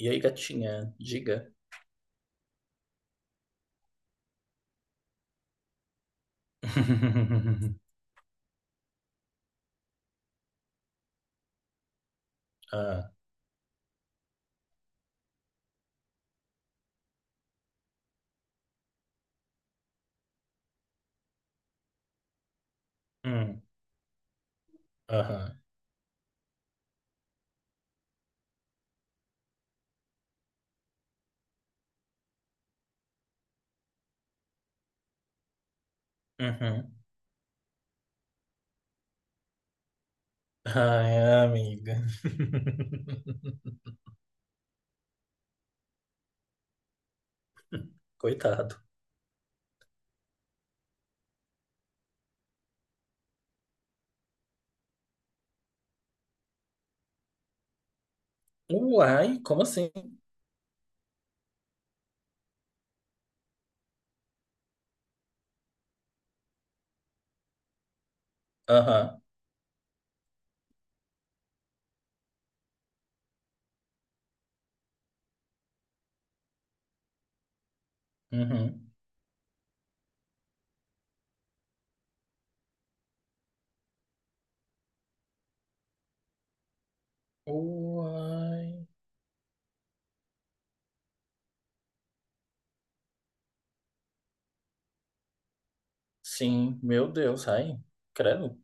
E aí, gatinha, diga. Ah, hum, aham, uhum. Ai, amiga. Coitado. Uai, como assim? Aham, uhum. Uai. Sim, meu Deus, ai, credo.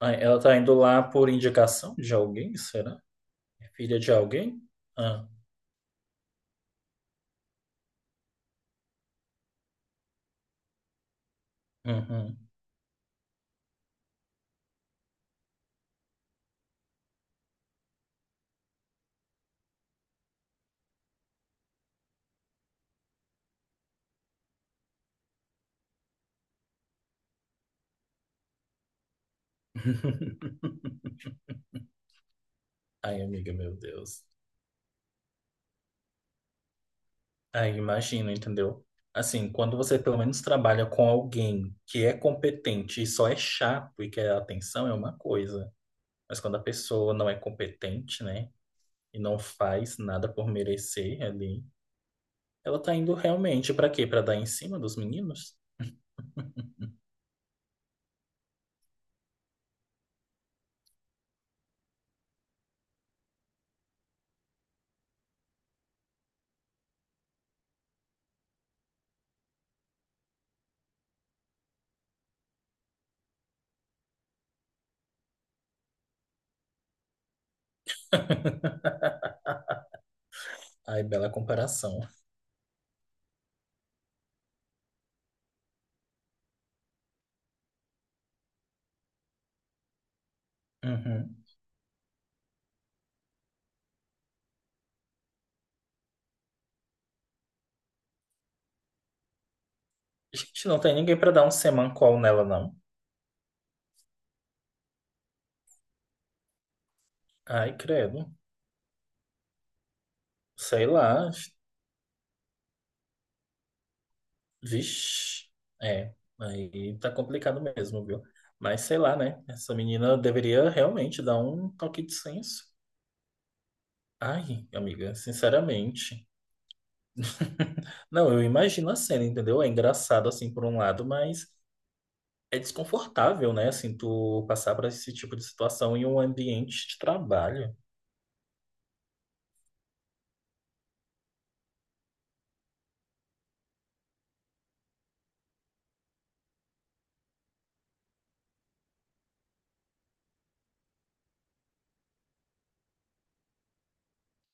Ai, ela tá indo lá por indicação de alguém, será? É filha de alguém? Ah, uhum. Ai, amiga, meu Deus. Ah, imagino, entendeu? Assim, quando você pelo menos trabalha com alguém que é competente e só é chato e quer atenção, é uma coisa. Mas quando a pessoa não é competente, né? E não faz nada por merecer ali, ela tá indo realmente pra quê? Pra dar em cima dos meninos? Ai, bela comparação. Uhum. Gente, não tem ninguém pra dar um semancol nela, não. Ai, credo. Sei lá. Vixe, é, aí tá complicado mesmo, viu? Mas sei lá, né? Essa menina deveria realmente dar um toque de senso. Ai, amiga, sinceramente. Não, eu imagino a cena, entendeu? É engraçado assim por um lado, mas é desconfortável, né? Assim, tu passar por esse tipo de situação em um ambiente de trabalho,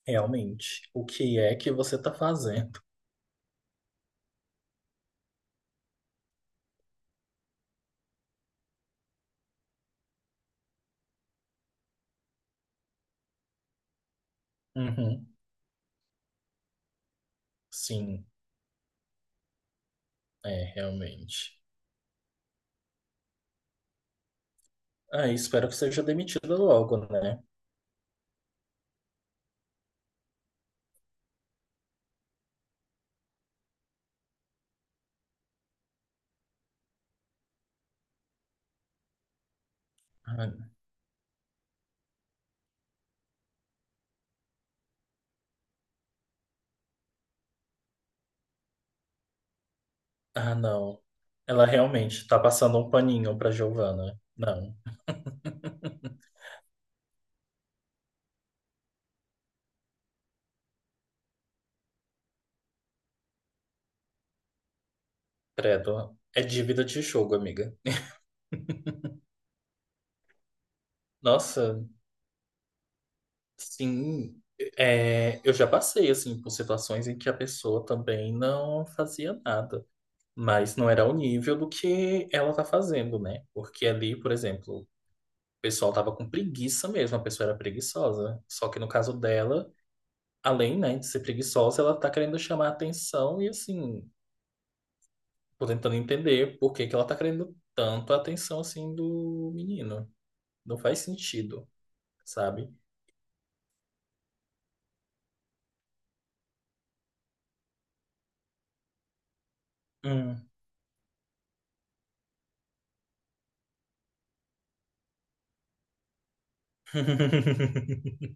realmente. O que é que você tá fazendo? Uhum, sim, é, realmente. Ah, espero que seja demitida logo, né? Ah, ah, não. Ela realmente tá passando um paninho pra Giovana. Não, credo. É dívida de jogo, amiga. Nossa, sim. É, eu já passei, assim, por situações em que a pessoa também não fazia nada. Mas não era o nível do que ela tá fazendo, né? Porque ali, por exemplo, o pessoal tava com preguiça mesmo, a pessoa era preguiçosa. Só que no caso dela, além, né, de ser preguiçosa, ela tá querendo chamar atenção e, assim, tô tentando entender por que que ela tá querendo tanto a atenção assim do menino. Não faz sentido, sabe? Hum.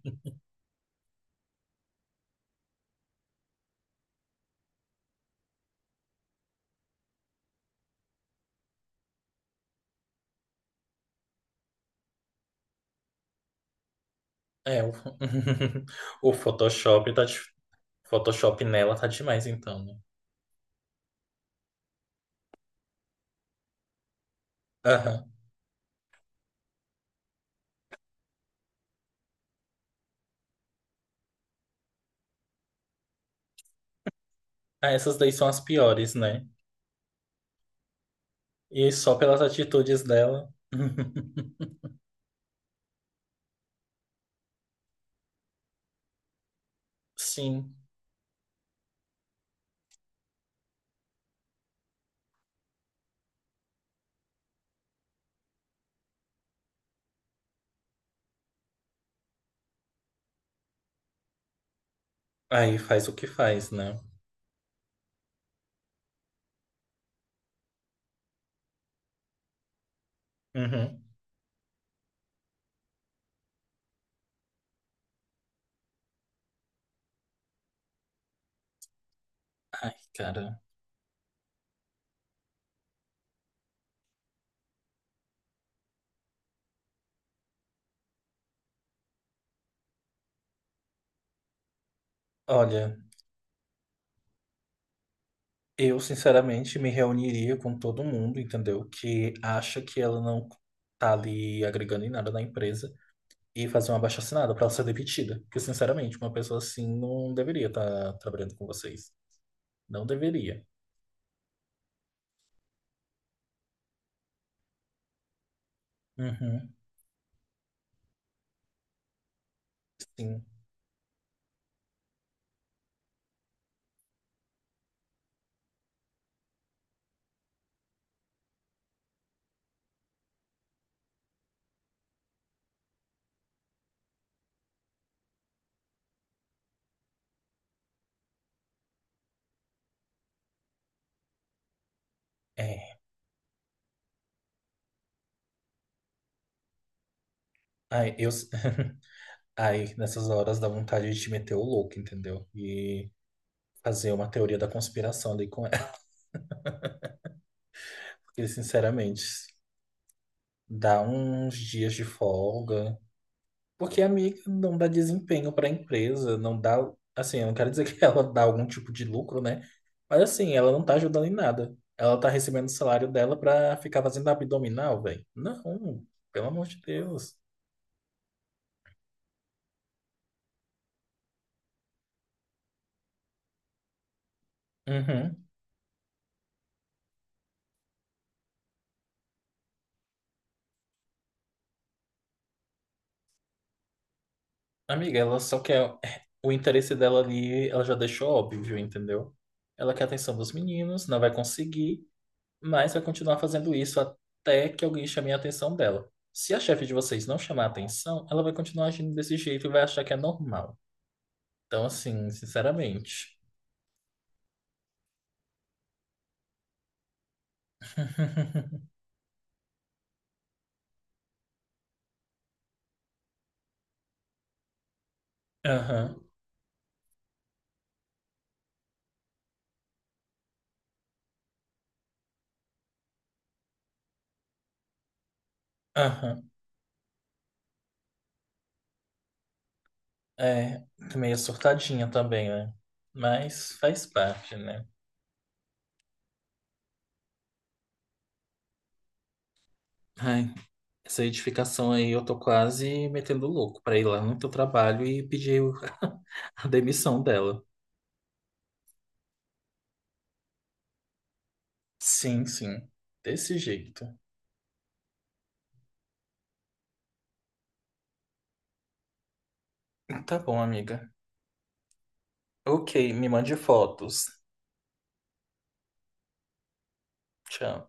É, o, o Photoshop tá de... Photoshop nela tá demais então, né? Aham. Ah, essas daí são as piores, né? E só pelas atitudes dela. Sim. Aí faz o que faz, né? Uhum. Ai, cara. Olha. Eu, sinceramente, me reuniria com todo mundo, entendeu? Que acha que ela não tá ali agregando em nada na empresa e fazer uma abaixo-assinado pra ela ser demitida. Porque, sinceramente, uma pessoa assim não deveria estar trabalhando com vocês. Não deveria. Uhum, sim. É. Ai, eu... Ai, nessas horas dá vontade de te meter o louco, entendeu? E fazer uma teoria da conspiração ali com ela. Porque, sinceramente, dá uns dias de folga. Porque a amiga não dá desempenho para a empresa, não dá, assim, eu não quero dizer que ela dá algum tipo de lucro, né? Mas assim, ela não tá ajudando em nada. Ela tá recebendo o salário dela pra ficar fazendo abdominal, velho. Não, pelo amor de Deus. Uhum. Amiga, ela só quer o interesse dela ali, ela já deixou óbvio, entendeu? Ela quer a atenção dos meninos, não vai conseguir. Mas vai continuar fazendo isso até que alguém chame a atenção dela. Se a chefe de vocês não chamar a atenção, ela vai continuar agindo desse jeito e vai achar que é normal. Então, assim, sinceramente. Aham, aham. É, meio surtadinha também, né? Mas faz parte, né? Ai, essa edificação aí eu tô quase metendo louco pra ir lá no teu trabalho e pedir o- a demissão dela. Sim, sim. Desse jeito. Tá bom, amiga. Ok, me mande fotos. Tchau.